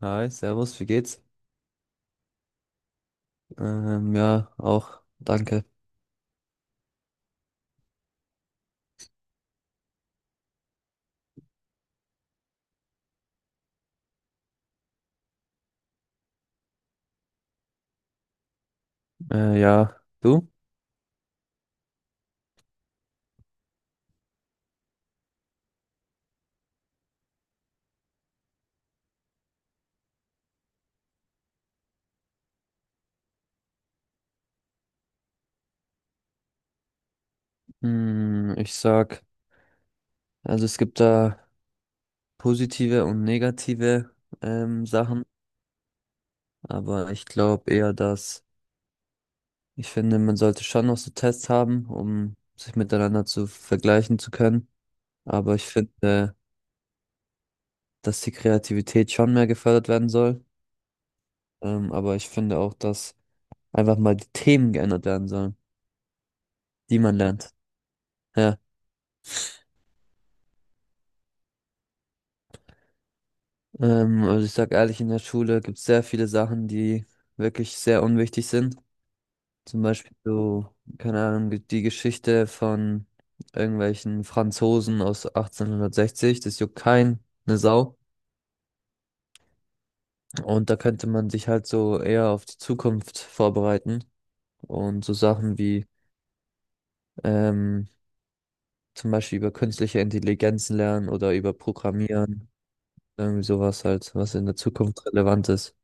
Hi, Servus, wie geht's? Ja, auch, danke. Ja, du? Hm, ich sag, also es gibt da positive und negative Sachen, aber ich glaube eher, dass ich finde, man sollte schon noch so Tests haben, um sich miteinander zu vergleichen zu können. Aber ich finde, dass die Kreativität schon mehr gefördert werden soll. Aber ich finde auch, dass einfach mal die Themen geändert werden sollen, die man lernt. Ja. Also ich sag ehrlich, in der Schule gibt es sehr viele Sachen, die wirklich sehr unwichtig sind. Zum Beispiel so, keine Ahnung, die Geschichte von irgendwelchen Franzosen aus 1860, das juckt keinen, ne Sau. Und da könnte man sich halt so eher auf die Zukunft vorbereiten und so Sachen wie ähm, zum Beispiel über künstliche Intelligenzen lernen oder über Programmieren, irgendwie sowas halt, was in der Zukunft relevant ist.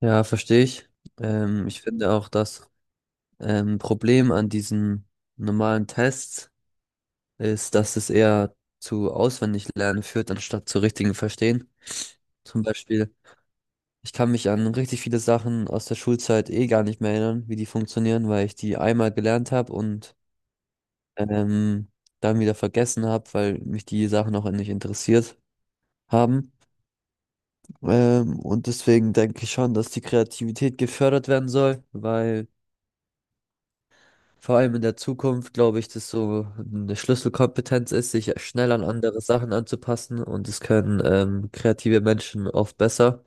Ja, verstehe ich. Ich finde auch, dass Problem an diesen normalen Tests ist, dass es eher zu auswendig lernen führt, anstatt zu richtigen Verstehen. Zum Beispiel, ich kann mich an richtig viele Sachen aus der Schulzeit eh gar nicht mehr erinnern, wie die funktionieren, weil ich die einmal gelernt habe und ähm, dann wieder vergessen habe, weil mich die Sachen auch nicht interessiert haben. Und deswegen denke ich schon, dass die Kreativität gefördert werden soll, weil vor allem in der Zukunft glaube ich, dass so eine Schlüsselkompetenz ist, sich schnell an andere Sachen anzupassen, und das können kreative Menschen oft besser.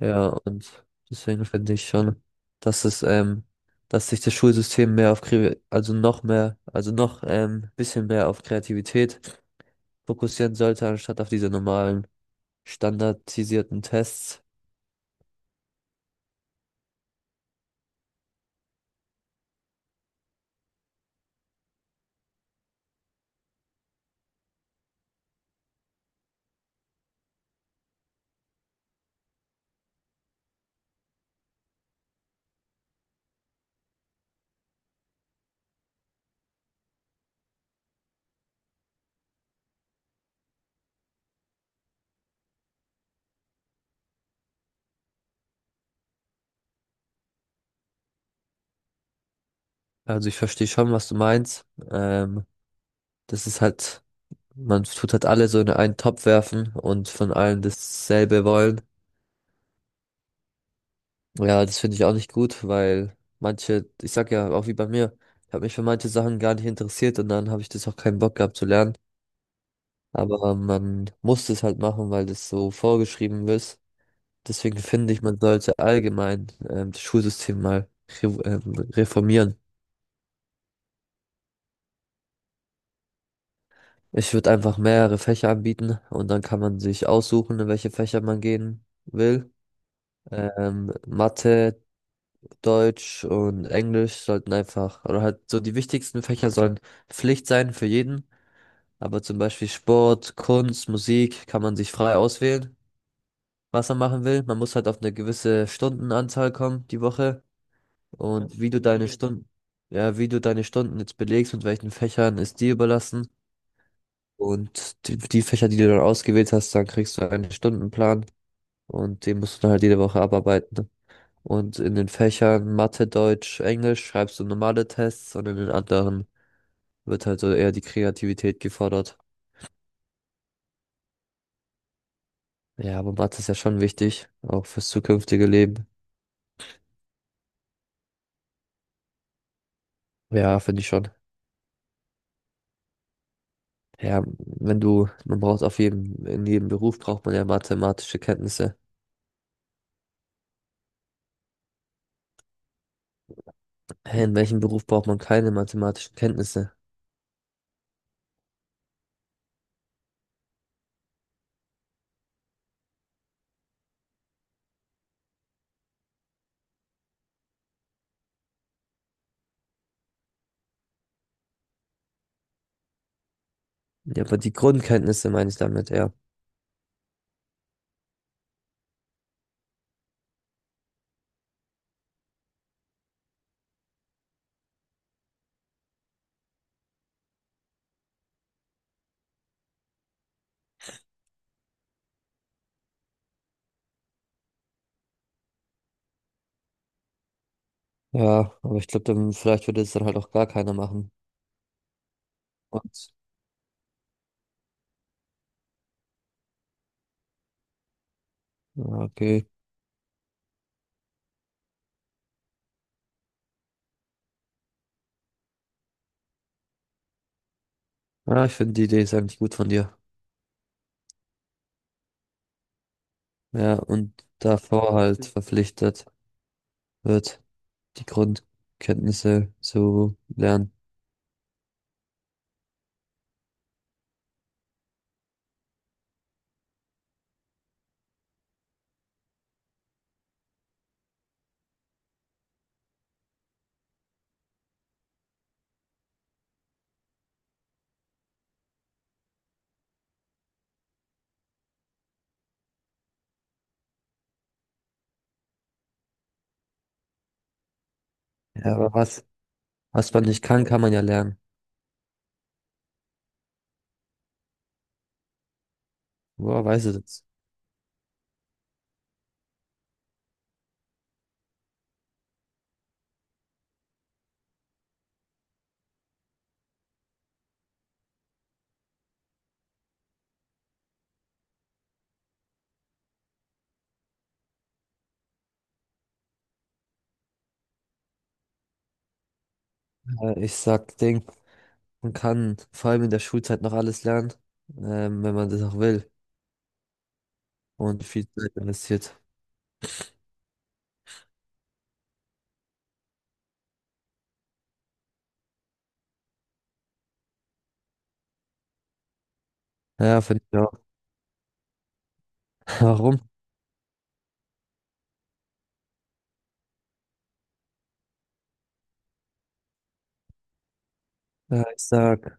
Ja, und deswegen finde ich schon, dass es, dass sich das Schulsystem mehr auf, also noch mehr, also noch bisschen mehr auf Kreativität fokussieren sollte, anstatt auf diese normalen standardisierten Tests. Also ich verstehe schon, was du meinst. Das ist halt man tut halt alle so in einen Topf werfen und von allen dasselbe wollen. Ja, das finde ich auch nicht gut, weil manche, ich sag ja auch wie bei mir, ich habe mich für manche Sachen gar nicht interessiert und dann habe ich das auch keinen Bock gehabt zu lernen. Aber man muss es halt machen, weil das so vorgeschrieben ist. Deswegen finde ich, man sollte allgemein das Schulsystem mal re reformieren. Ich würde einfach mehrere Fächer anbieten und dann kann man sich aussuchen, in welche Fächer man gehen will. Mathe, Deutsch und Englisch sollten einfach, oder halt so die wichtigsten Fächer sollen Pflicht sein für jeden. Aber zum Beispiel Sport, Kunst, Musik kann man sich frei auswählen, was man machen will. Man muss halt auf eine gewisse Stundenanzahl kommen die Woche. Und wie du deine cool. Stunden, ja, wie du deine Stunden jetzt belegst und welchen Fächern ist dir überlassen. Und die Fächer, die du dann ausgewählt hast, dann kriegst du einen Stundenplan und den musst du dann halt jede Woche abarbeiten, ne? Und in den Fächern Mathe, Deutsch, Englisch schreibst du normale Tests und in den anderen wird halt so eher die Kreativität gefordert. Ja, aber Mathe ist ja schon wichtig, auch fürs zukünftige Leben. Ja, finde ich schon. Ja, wenn du, man braucht auf jedem, in jedem Beruf braucht man ja mathematische Kenntnisse. Hä, in welchem Beruf braucht man keine mathematischen Kenntnisse? Ja, aber die Grundkenntnisse meine ich damit, ja. Ja, aber ich glaube, dann vielleicht würde es dann halt auch gar keiner machen. Und, ja, okay. Ja, ich finde die Idee ist eigentlich gut von dir. Ja, und davor halt verpflichtet wird, die Grundkenntnisse zu lernen. Ja, aber was, was man nicht kann, kann man ja lernen. Woher weiß ich das? Ich sag, Ding, man kann vor allem in der Schulzeit noch alles lernen, wenn man das auch will und viel Zeit investiert. Ja, finde ich auch. Warum? Ja, ich sag,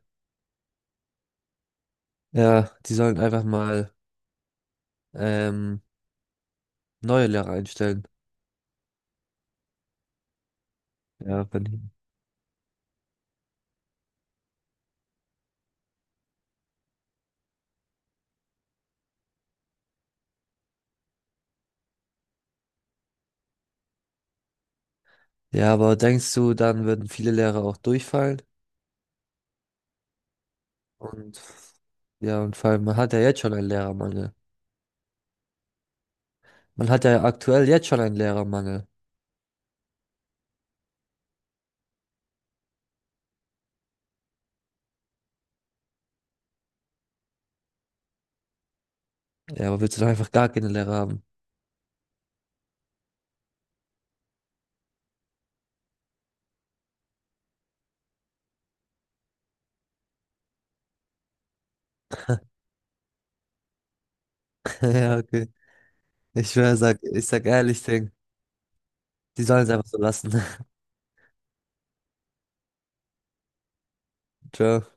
ja, die sollen einfach mal ähm, neue Lehrer einstellen. Ja, finde ich. Ja, aber denkst du, dann würden viele Lehrer auch durchfallen? Und ja, und vor allem, man hat ja jetzt schon einen Lehrermangel. Man hat ja aktuell jetzt schon einen Lehrermangel. Ja, aber willst du doch einfach gar keine Lehrer haben? Ja, okay. Ich schwör, sag, ich sag ehrlich, Ding. Die sollen es einfach so lassen. Ciao.